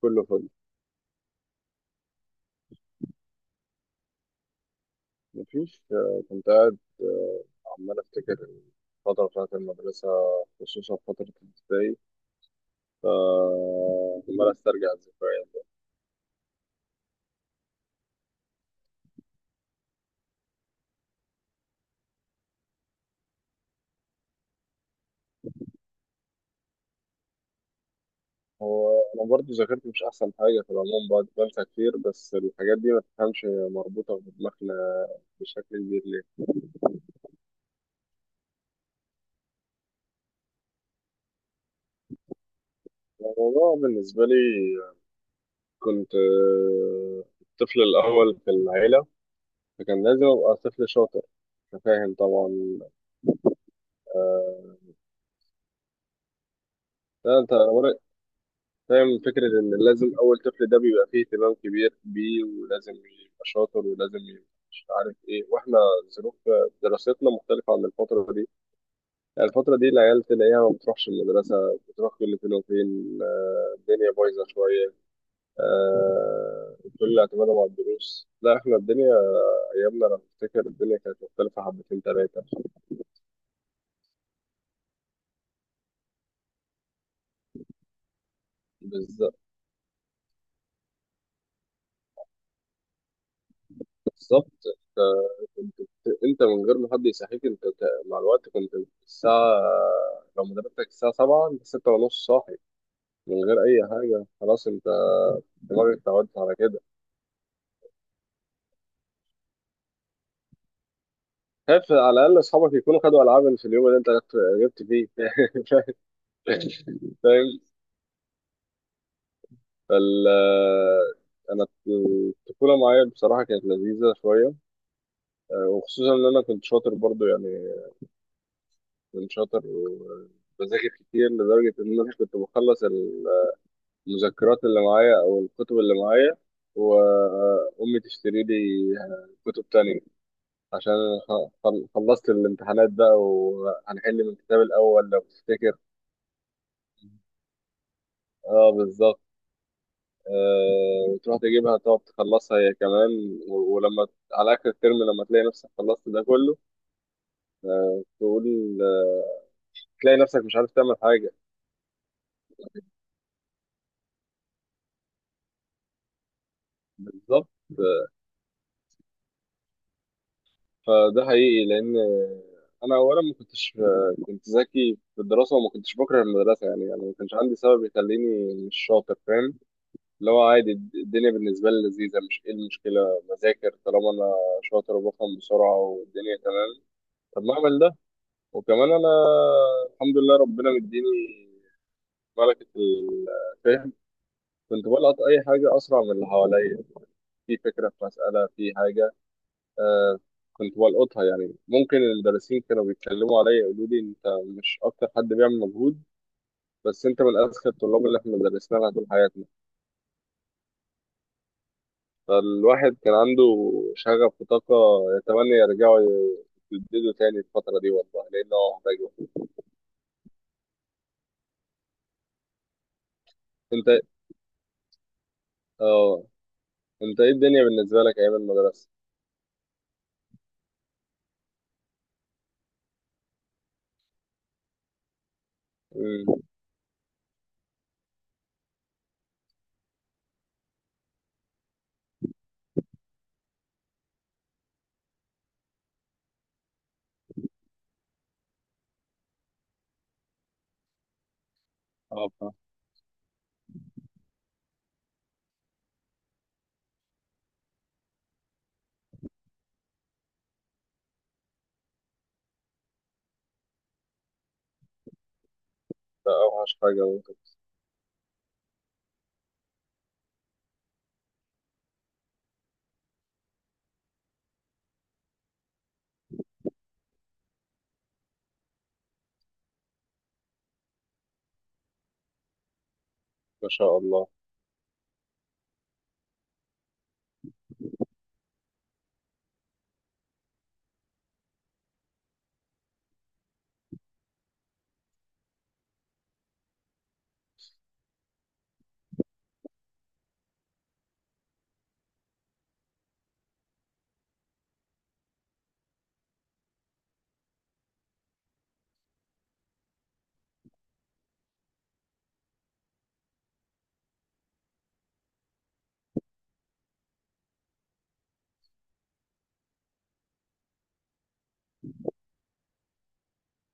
كله فل. مفيش كنت قاعد عمال أفتكر الفترة بتاعت المدرسة، خصوصا فترة الابتدائي، فعمال أسترجع الذكريات بقى. هو أنا برضه ذاكرتي مش أحسن حاجة في العموم، بعد بنسى كتير، بس الحاجات دي ما تفهمش، هي مربوطة في دماغنا بشكل كبير ليه. الموضوع بالنسبة لي، كنت الطفل الأول في العيلة، فكان لازم أبقى طفل شاطر. أنت فاهم طبعا؟ آه. لا انت فاهم فكرة إن لازم أول طفل ده بيبقى فيه اهتمام كبير بيه، ولازم يبقى شاطر، ولازم يبقى مش عارف إيه، وإحنا ظروف دراستنا مختلفة عن الفترة دي. يعني الفترة دي العيال تلاقيها ما بتروحش المدرسة، بتروح كل فين وفين، الدنيا بايظة شوية، كل اعتمادهم على الدروس. لا، إحنا الدنيا أيامنا، أنا بفتكر الدنيا كانت مختلفة حبتين تلاتة. بالظ- بالظبط. انت من غير ما حد يصحيك، مع الوقت كنت الساعة، لو مدرستك الساعة 7 انت 6 ونص صاحي، من غير أي حاجة. خلاص، انت دماغك اتعودت على كده. خايف على الأقل أصحابك يكونوا خدوا ألعاب في اليوم اللي انت جبت فيه فاهم. فال. أنا الطفولة معايا بصراحة كانت لذيذة شوية، وخصوصا إن أنا كنت شاطر برضو. يعني كنت شاطر وبذاكر كتير، لدرجة إن أنا كنت بخلص المذكرات اللي معايا او الكتب اللي معايا، وامي تشتري لي كتب تانية. عشان خلصت الامتحانات بقى، وهنحل من الكتاب الاول لو تفتكر. اه بالظبط. وتروح تجيبها تقعد تخلصها هي كمان، ولما على اخر الترم، لما تلاقي نفسك خلصت ده كله، تقول تلاقي نفسك مش عارف تعمل حاجة. بالظبط. فده حقيقي، لان انا اولا ما كنتش، كنت ذكي في الدراسه، وما كنتش بكره المدرسه، يعني ما كانش عندي سبب يخليني مش شاطر، فاهم. اللي هو عادي، الدنيا بالنسبه لي لذيذه، مش ايه المشكله، بذاكر طالما انا شاطر وبفهم بسرعه والدنيا تمام. طب ما اعمل ده. وكمان انا الحمد لله ربنا مديني ملكه الفهم. كنت بلقط اي حاجه اسرع من اللي حواليا، في فكره، في مساله، في حاجه، آه كنت بلقطها. يعني ممكن المدرسين كانوا بيتكلموا عليا، يقولوا لي انت مش اكتر حد بيعمل مجهود، بس انت من اذكى الطلاب اللي احنا درسنا لها طول حياتنا. فالواحد كان عنده شغف وطاقة، يتمنى يرجعوا يجددوا تاني الفترة دي، والله، لأنه هو محتاج وقت. انت اه انت ايه الدنيا بالنسبة لك ايام المدرسة؟ مم. اه فاهم. ده اوحش حاجة ممكن. ما شاء الله.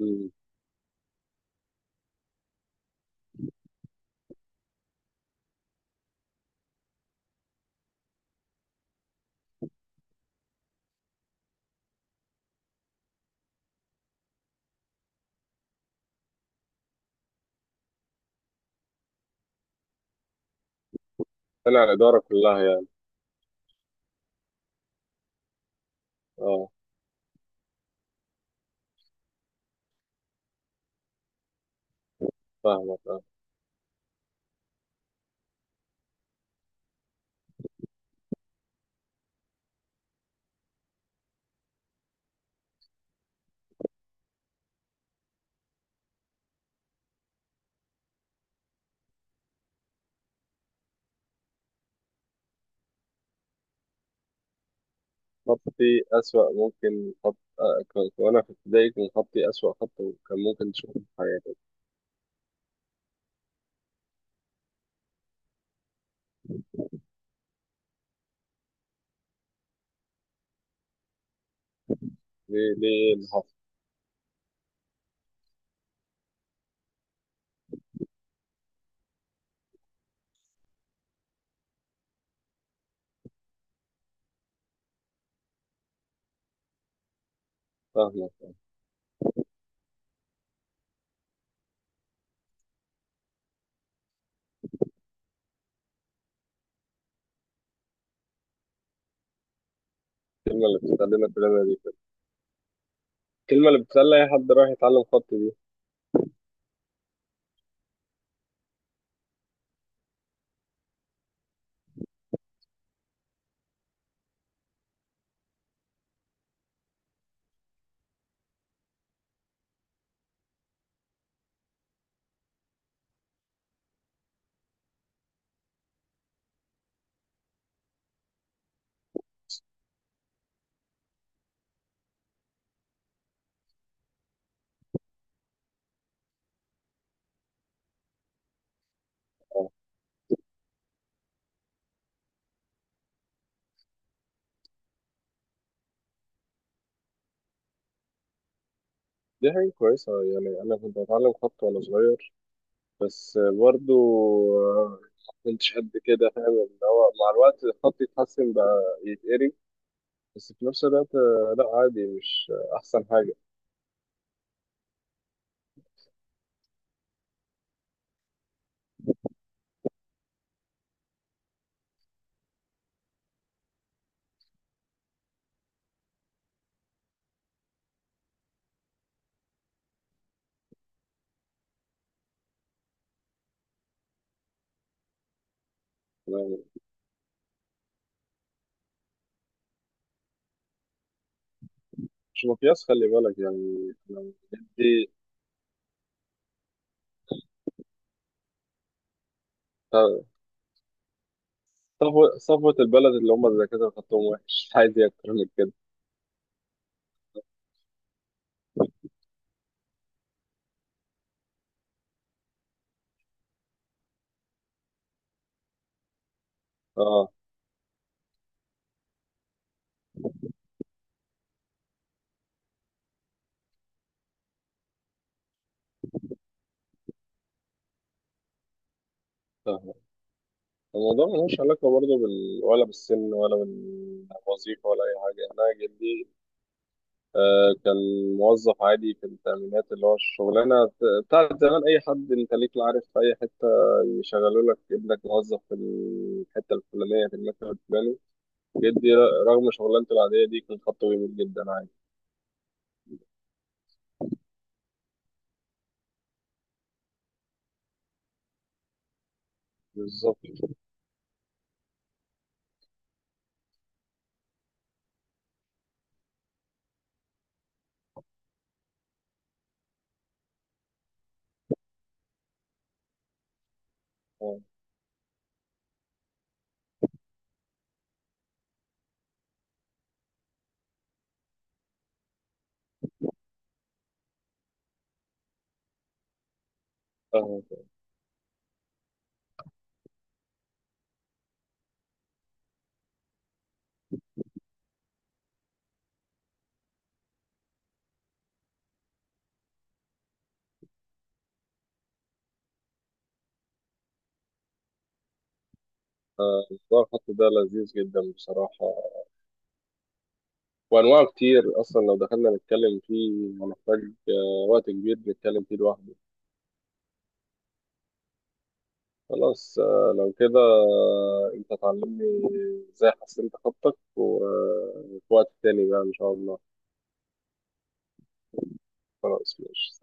مم. طلع الإدارة كلها يعني. اه فاهمك. خطي أسوأ، ممكن خط، وأنا في ابتدائي كان خطي أسوأ خط كان ممكن تشوفه في حياتك. ليه، ليه اللي حصل؟ فاهمك. الكلمة اللي بتتعلمها كلنا دي كده. الكلمة اللي بتخلي أي حد رايح يتعلم خط دي. أه دي حاجة كويسة، يعني أنا كنت بتعلم خط وأنا صغير، بس برضو آه، ما كنتش قد كده، فاهم؟ اللي هو مع الوقت الخط يتحسن بقى يتقري. بس في نفس الوقت لا عادي، مش أحسن حاجة. أنا مش مقياس، خلي بالك، يعني أنا جدي. صفوة صفوة البلد اللي هم الدكاترة خطهم وحش، عايز إيه أكتر من كده؟ اه فاهم. الموضوع ملوش علاقة برضه ولا بالسن ولا بالوظيفة ولا أي حاجة. أنا جدي كان موظف عادي في التأمينات، اللي هو الشغلانة بتاعت زمان. أي حد أنت ليك عارف في أي حتة يشغلوا لك ابنك موظف في الحتة الفلانية في المكتب الفلاني. جدي رغم شغلانته العادية دي كان خطه جميل جدا عادي. بالظبط. اه فاهم. موضوع الخط ده لذيذ جدا بصراحة، وانواعه كتير اصلا. لو دخلنا نتكلم فيه هنحتاج وقت كبير نتكلم فيه لوحده. خلاص، لو كده انت تعلمني ازاي حسنت خطك، وفي وقت تاني بقى ان شاء الله. خلاص ماشي.